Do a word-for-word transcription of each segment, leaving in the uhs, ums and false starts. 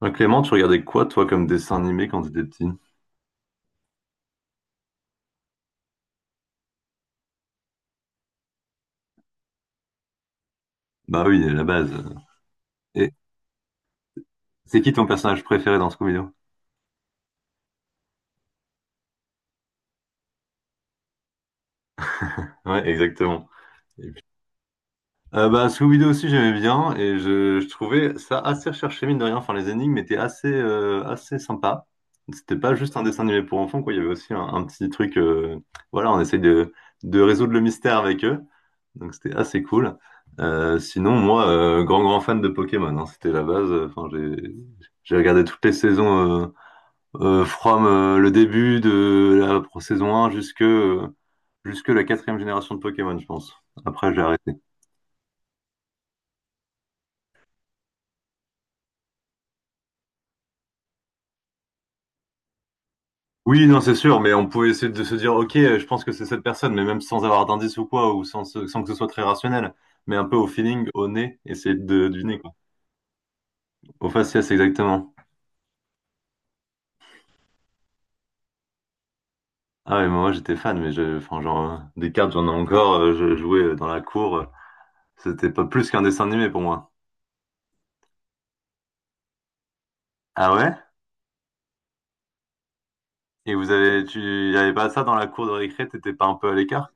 Ah, Clément, tu regardais quoi, toi, comme dessin animé quand t'étais petit? Bah oui, la base. Et c'est qui ton personnage préféré dans Scooby-Doo? Ouais, exactement. Et puis- Euh, bah, Scooby-Doo aussi, j'aimais bien et je, je trouvais ça assez recherché, mine de rien. Enfin, les énigmes étaient assez, euh, assez sympas. C'était pas juste un dessin animé pour enfants, quoi. Il y avait aussi un, un petit truc, euh, voilà, on essaye de, de résoudre le mystère avec eux. Donc, c'était assez cool. Euh, sinon, moi, euh, grand, grand fan de Pokémon, hein. C'était la base. Enfin, j'ai, j'ai regardé toutes les saisons. Euh, Euh, from euh, le début de la saison un jusque, euh, jusque la quatrième génération de Pokémon, je pense. Après, j'ai arrêté. Oui, non, c'est sûr, mais on pouvait essayer de se dire, ok, euh, je pense que c'est cette personne, mais même sans avoir d'indice ou quoi, ou sans, ce- sans que ce soit très rationnel, mais un peu au feeling, au nez, essayer de deviner, quoi. Au faciès, exactement. Ah ouais, moi j'étais fan, mais je, enfin, genre, euh, des cartes, j'en ai encore, euh, je jouais euh, dans la cour, euh, c'était pas plus qu'un dessin animé pour moi. Ah ouais? Et vous avez, tu, y avait pas ça dans la cour de récré, t'étais pas un peu à l'écart?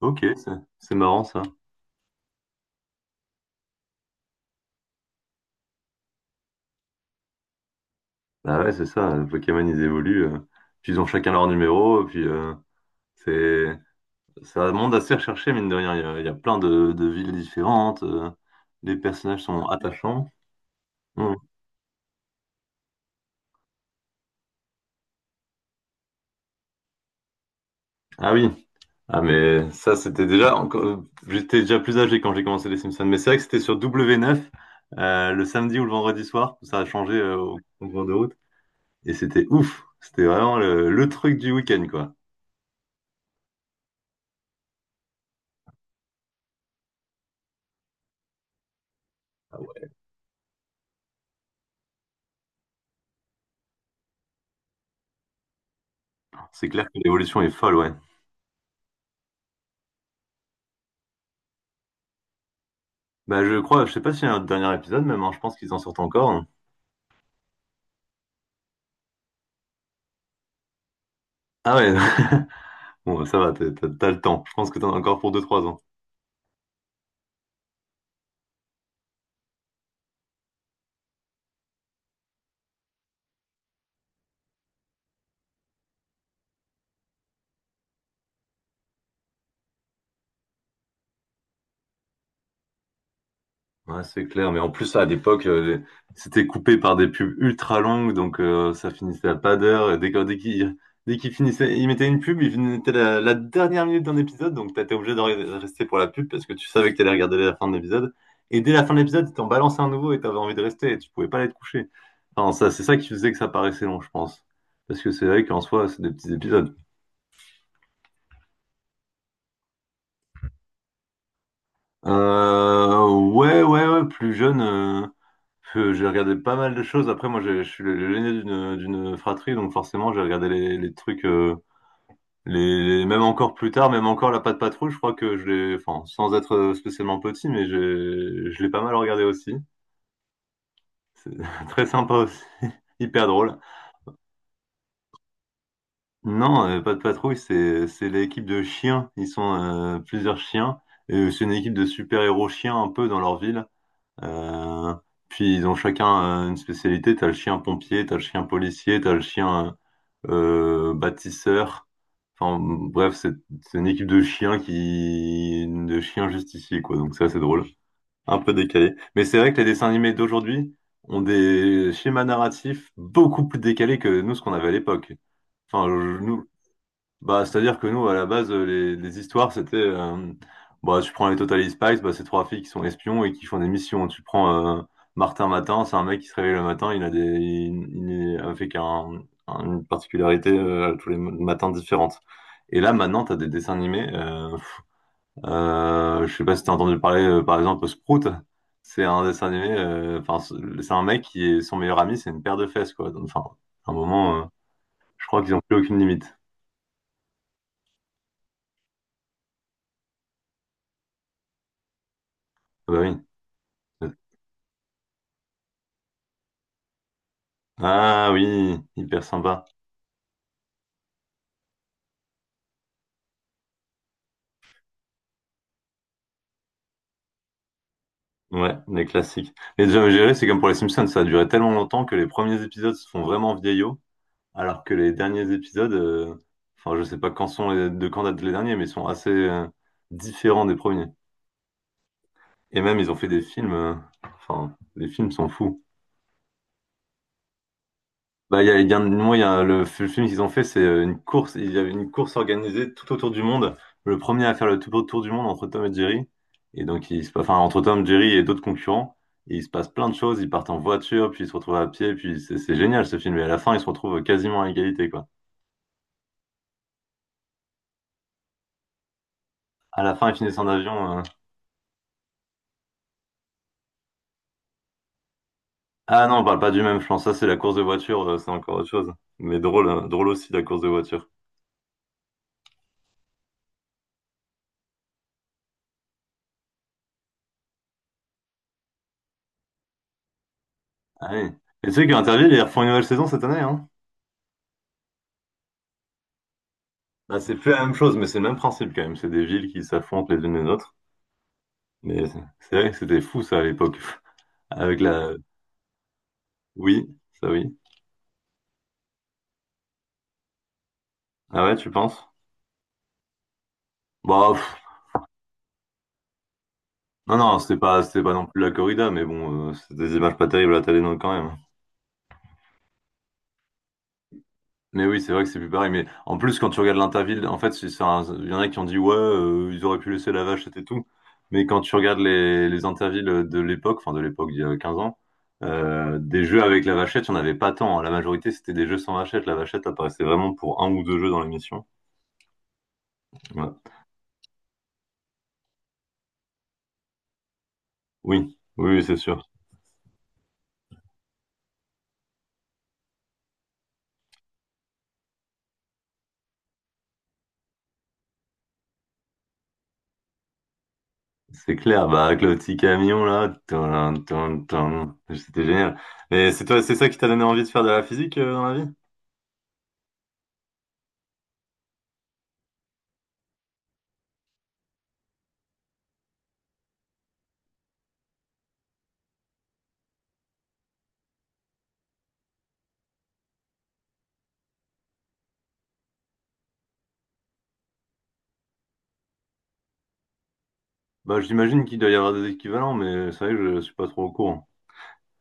Ok, ça- c'est marrant ça. Bah ouais, c'est ça, les Pokémon ils évoluent, euh, puis ils ont chacun leur numéro, puis euh, c'est c'est un monde assez recherché, mine de rien. Il y a, il y a plein de, de villes différentes, euh, les personnages sont attachants. Hmm. Ah oui, ah mais ça c'était déjà, encore- j'étais déjà plus âgé quand j'ai commencé les Simpsons, mais c'est vrai que c'était sur W neuf, euh, le samedi ou le vendredi soir, ça a changé euh, au, au cours de route, et c'était ouf, c'était vraiment le, le truc du week-end quoi. C'est clair que l'évolution est folle, ouais. Bah, je crois, je sais pas s'il y a un dernier épisode même, hein, je pense qu'ils en sortent encore, hein. Ah ouais, bon, ça va, t'as t'as- t'as le temps. Je pense que t'en as encore pour deux trois ans. Ouais, c'est clair, mais en plus à l'époque, euh, c'était coupé par des pubs ultra longues, donc euh, ça finissait à pas d'heure. Et Dès que- dès qu'il dès qu'il finissait, il mettait une pub, il mettait la, la dernière minute d'un épisode, donc t'étais obligé de re- rester pour la pub parce que tu savais que t'allais regarder la fin de l'épisode. Et dès la fin de l'épisode, ils t'en balançaient un nouveau et t'avais envie de rester et tu pouvais pas aller te coucher. Enfin, ça, c'est ça qui faisait que ça paraissait long, je pense. Parce que c'est vrai qu'en soi, c'est des petits épisodes. Euh, ouais, ouais, ouais, plus jeune, euh, euh, j'ai regardé pas mal de choses. Après, moi, j'ai- je suis le- l'aîné d'une d'une fratrie, donc forcément, j'ai regardé les, les trucs, euh, les, les- même encore plus tard, même encore La Patte Patrouille. Je crois que je l'ai, enfin, sans être spécialement petit, mais j'ai, je l'ai pas mal regardé aussi. C'est très sympa aussi, hyper drôle. Non, euh, Patte Patrouille, c'est c'est l'équipe de chiens. Ils sont euh, plusieurs chiens, et c'est une équipe de super-héros chiens un peu dans leur ville. Euh, Puis ils ont chacun euh, une spécialité. T'as le chien pompier, t'as le chien policier, t'as le chien euh, euh, bâtisseur. Enfin bref, c'est c'est une équipe de chiens qui de chiens justiciers quoi. Donc c'est assez drôle, un peu décalé. Mais c'est vrai que les dessins animés d'aujourd'hui ont des schémas narratifs beaucoup plus décalés que nous ce qu'on avait à l'époque. Enfin je- nous, Bah, c'est-à-dire que nous, à la base, euh, les, les histoires, c'était, euh, bah, tu prends les Total Spies, bah, c'est trois filles qui sont espions et qui font des missions. Tu prends euh, Martin Matin, c'est un mec qui se réveille le matin, il a des, il, il est avec un, un- une particularité euh, tous les matins différentes. Et là, maintenant, t'as des dessins animés. Euh, pff, euh, je sais pas si t'as entendu parler, euh, par exemple, Sprout. C'est un dessin animé, euh, enfin, c'est c'est un mec qui est son meilleur ami, c'est une paire de fesses, quoi. Donc, enfin, à un moment, euh, je crois qu'ils ont plus aucune limite. Ah bah oui. Ah oui, hyper sympa. Ouais, les classiques. Les Jam Gérés, c'est comme pour les Simpsons, ça a duré tellement longtemps que les premiers épisodes se font vraiment vieillots, alors que les derniers épisodes, euh, enfin je sais pas quand sont les, de quand datent les derniers, mais ils sont assez euh, différents des premiers. Et même ils ont fait des films, euh, enfin les films sont fous. Bah, il y a, il y a, un- moi, il y a le, le film qu'ils ont fait, c'est euh, une course. Il y avait une course organisée tout autour du monde. Le premier à faire le tout autour du monde entre Tom et Jerry. Et donc, il se, enfin, entre Tom, Jerry et d'autres concurrents. Et il se passe plein de choses. Ils partent en voiture, puis ils se retrouvent à pied. Puis c'est c'est génial ce film. Et à la fin, ils se retrouvent quasiment à égalité, quoi. À la fin, ils finissent en avion, euh. Ah non, on parle pas du même, je pense. Ça, c'est la course de voiture, euh, c'est encore autre chose. Mais drôle, hein, drôle aussi, la course de voiture. Ah oui. Et tu sais qu'Interville, ils refont une nouvelle saison cette année, hein. Ah, c'est plus la même chose, mais c'est le même principe quand même. C'est des villes qui s'affrontent les unes les autres. Mais c'est c'est vrai que c'était fou ça à l'époque. Avec la... Oui, ça oui. Ah ouais, tu penses? Bah, pff, non, non, c'était pas, c'était pas non plus la corrida, mais bon, euh, c'est des images pas terribles à la télé non, quand même, hein. Mais oui, c'est vrai que c'est plus pareil. Mais en plus, quand tu regardes l'Interville, en fait, c'est c'est un- il y en a qui ont dit, ouais, euh, ils auraient pu laisser la vache, c'était tout. Mais quand tu regardes les, les Intervilles de l'époque, enfin de l'époque d'il y a quinze ans, euh, des jeux avec la vachette, il n'y en avait pas tant, hein. La majorité, c'était des jeux sans vachette. La vachette apparaissait vraiment pour un ou deux jeux dans l'émission. Ouais. Oui, oui, oui, c'est sûr. C'est clair, bah, avec le petit camion, là. Tin, tin, tin. C'était génial. Et c'est toi, c'est ça qui t'a donné envie de faire de la physique, euh, dans la vie? Bah, j'imagine qu'il doit y avoir des équivalents, mais c'est vrai que je suis pas trop au courant.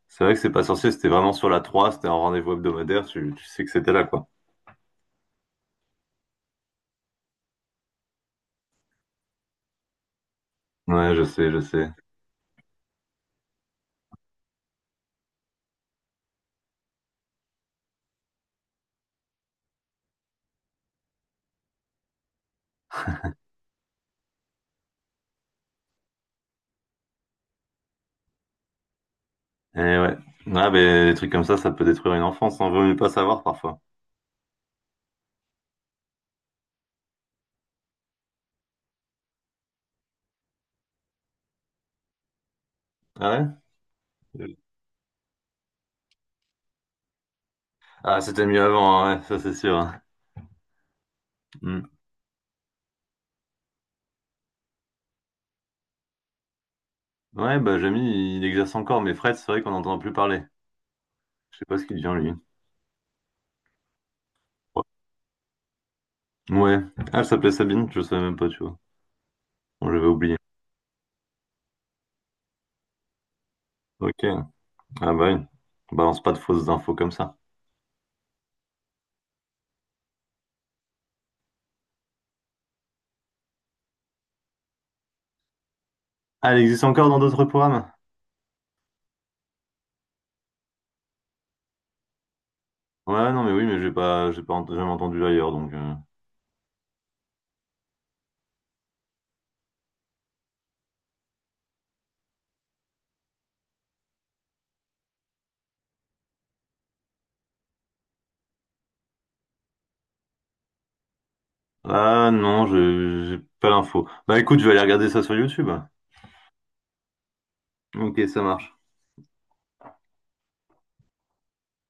C'est vrai que c'est pas sorcier, c'était vraiment sur la trois, c'était un rendez-vous hebdomadaire, tu, tu sais que c'était là, quoi. Ouais, je sais, je sais. Eh ouais. Ah, mais des trucs comme ça, ça peut détruire une enfance, on vaut mieux pas savoir parfois. Ah ouais? Ah, c'était mieux avant, hein, ouais, ça c'est sûr, hein. Hmm. Ouais, bah Jamie, il exerce encore, mais Fred, c'est vrai qu'on n'entend plus parler. Je sais pas ce qu'il devient, lui. Ouais. Ah, elle s'appelait Sabine, je savais même pas, tu vois. Bon, j'avais oublié. Ok. Ah bah oui. Balance pas de fausses infos comme ça. Ah, elle existe encore dans d'autres programmes? Ouais, non, mais oui, mais j'ai pas, j'ai pas ent- jamais entendu ailleurs, donc, euh. Ah non, je- j'ai pas l'info. Bah écoute, je vais aller regarder ça sur YouTube. Ok, ça marche.